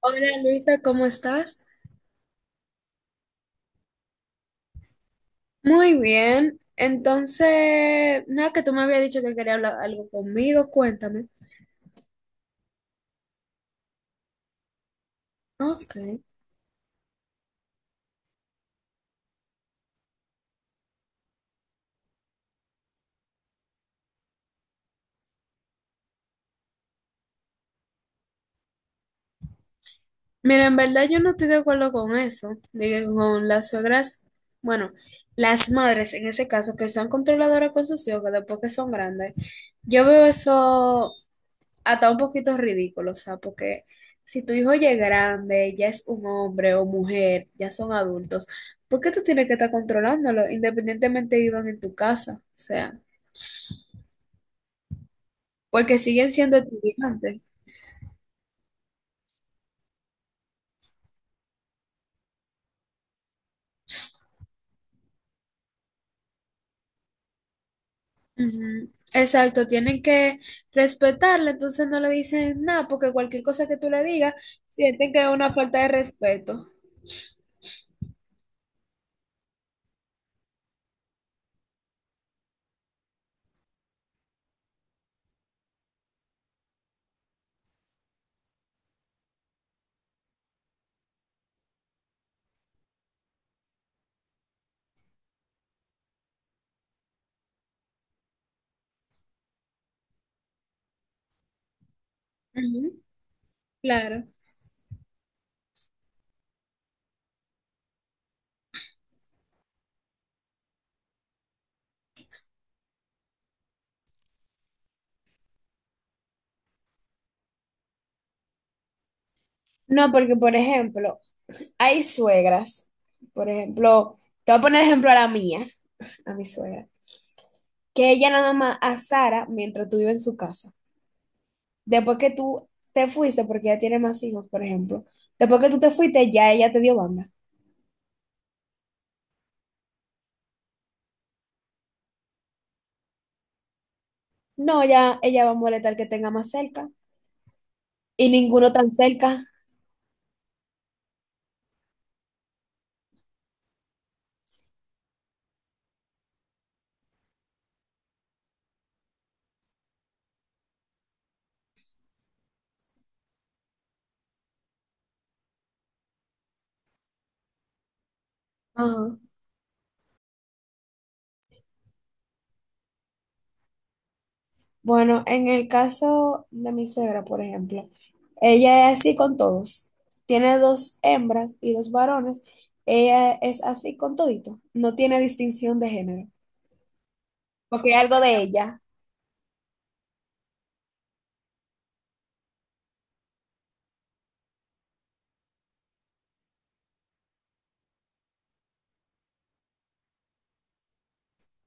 Hola Luisa, ¿cómo estás? Muy bien. Entonces, nada, que tú me habías dicho que quería hablar algo conmigo, cuéntame. Ok. Mira, en verdad yo no estoy de acuerdo con eso, de que con las suegras, bueno, las madres en ese caso, que son controladoras con sus hijos, que después que son grandes. Yo veo eso hasta un poquito ridículo, o sea, porque si tu hijo ya es grande, ya es un hombre o mujer, ya son adultos, ¿por qué tú tienes que estar controlándolo independientemente vivan en tu casa? O sea, porque siguen siendo estudiantes. Ujú. Exacto, tienen que respetarla, entonces no le dicen nada, porque cualquier cosa que tú le digas, sienten que es una falta de respeto. Ujú. Claro. No, porque por ejemplo, hay suegras, por ejemplo, te voy a poner ejemplo a la mía, a mi suegra. Que ella nada más a Sara mientras tú vives en su casa. Después que tú te fuiste, porque ella tiene más hijos, por ejemplo, después que tú te fuiste, ya ella te dio banda. No, ya ella va a molestar que tenga más cerca y ninguno tan cerca. Ajá. Bueno, en el caso de mi suegra, por ejemplo, ella es así con todos. Tiene dos hembras y dos varones. Ella es así con todito. No tiene distinción de género, porque es algo de ella.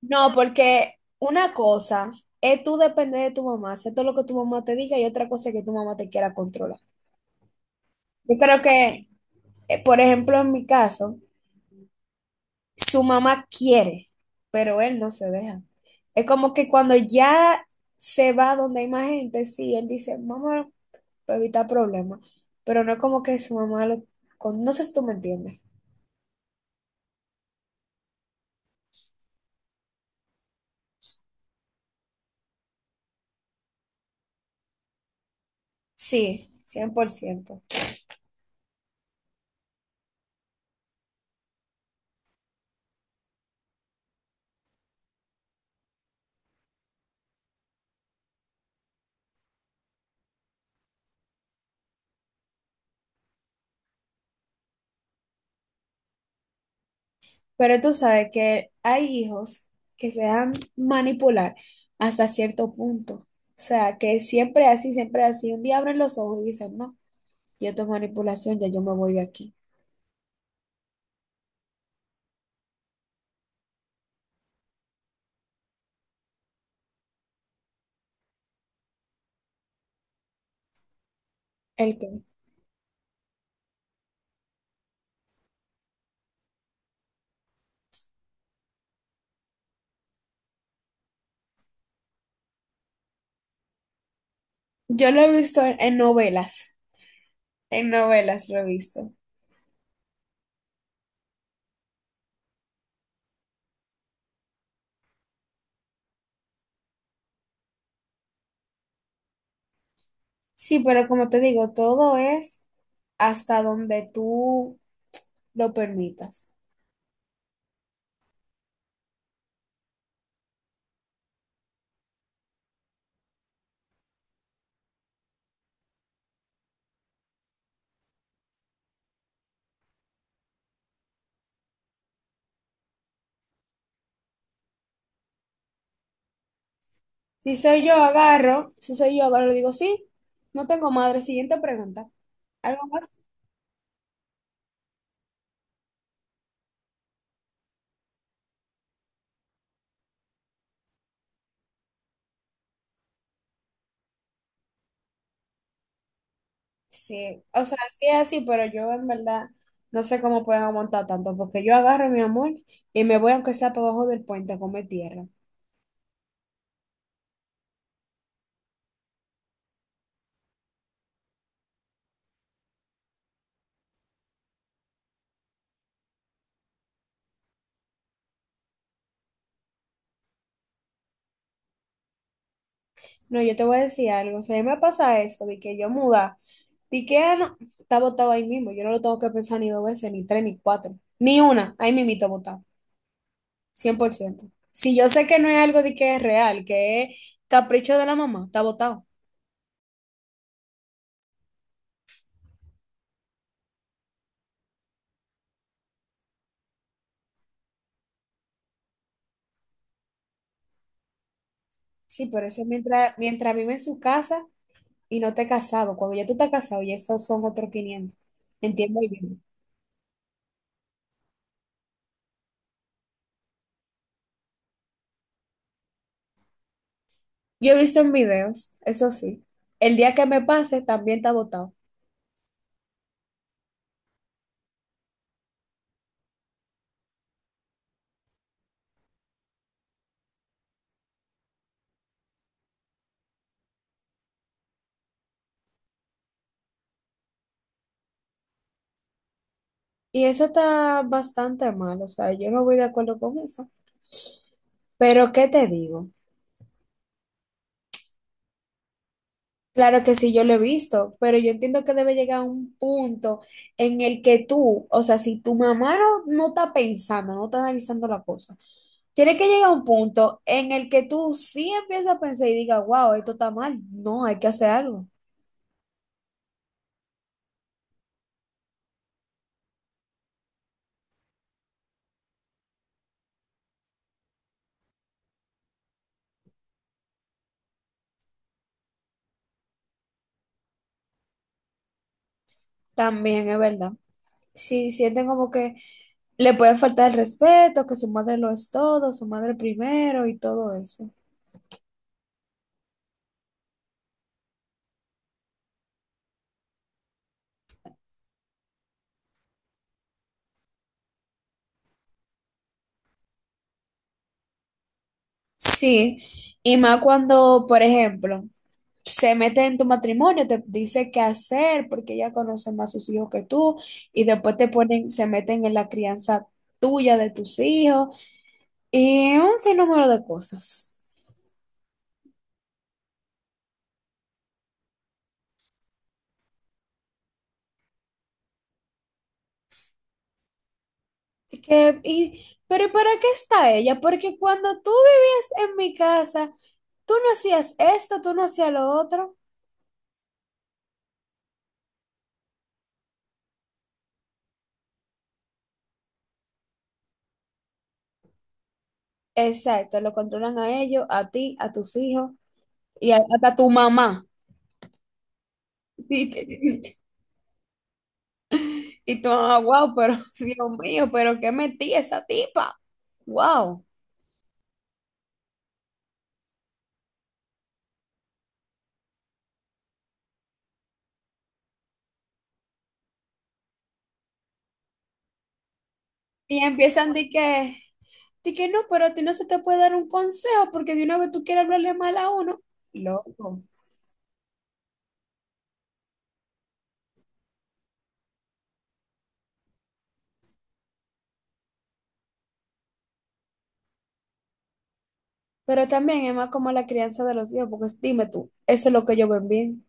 No, porque una cosa es tú depender de tu mamá, hacer todo lo que tu mamá te diga y otra cosa es que tu mamá te quiera controlar. Yo creo que, por ejemplo, en mi caso, su mamá quiere, pero él no se deja. Es como que cuando ya se va donde hay más gente, sí, él dice, mamá, para evitar problemas, pero no es como que su mamá lo... No sé si tú me entiendes. Sí, 100%. Pero tú sabes que hay hijos que se dan manipular hasta cierto punto. O sea, que siempre así, siempre así. Un día abren los ojos y dicen, no, yo tengo manipulación, ya yo me voy de aquí. El que yo lo he visto en, novelas, en novelas lo he visto. Sí, pero como te digo, todo es hasta donde tú lo permitas. Si soy yo, agarro, si soy yo, agarro, digo, sí, no tengo madre. Siguiente pregunta. ¿Algo más? Sí, o sea, sí es así, pero yo en verdad no sé cómo pueden aguantar tanto, porque yo agarro mi amor y me voy aunque sea para abajo del puente a comer tierra. No, yo te voy a decir algo, o sea, a mí me pasa eso, de que yo muda, de que no, está botado ahí mismo, yo no lo tengo que pensar ni dos veces, ni tres, ni cuatro, ni una, ahí mismito botado, 100%. Si yo sé que no es algo de que es real, que es capricho de la mamá, está botado. Sí, pero eso mientras, mientras vive en su casa. Y no te has casado. Cuando ya tú estás casado, y esos son otros quinientos. Entiendo bien. Yo he visto en videos, eso sí, el día que me pase también está votado. Y eso está bastante mal, o sea, yo no voy de acuerdo con eso. Pero, ¿qué te digo? Claro que sí, yo lo he visto, pero yo entiendo que debe llegar a un punto en el que tú, o sea, si tu mamá no está pensando, no está analizando la cosa, tiene que llegar a un punto en el que tú sí empiezas a pensar y digas, wow, esto está mal, no, hay que hacer algo. También es verdad. Si sienten como que le puede faltar el respeto, que su madre lo es todo, su madre primero y todo eso. Sí, y más cuando, por ejemplo, se mete en tu matrimonio, te dice qué hacer porque ella conoce más sus hijos que tú y después te ponen, se meten en la crianza tuya de tus hijos y un sinnúmero de cosas. Que, y, pero ¿para qué está ella? Porque cuando tú vivías en mi casa, tú no hacías esto, tú no hacías lo otro. Exacto, lo controlan a ellos, a ti, a tus hijos hasta a tu mamá. Y, te- y tu mamá, wow, pero Dios mío, pero qué metí esa tipa. Wow. Y empiezan de que no, pero a ti no se te puede dar un consejo porque de una vez tú quieres hablarle mal a uno. Loco. Pero también es más como la crianza de los hijos, dime tú, eso es lo que yo ven bien.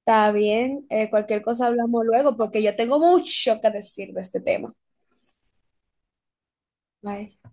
Está bien, cualquier cosa hablamos luego, porque yo tengo mucho que decir de este tema. Bye.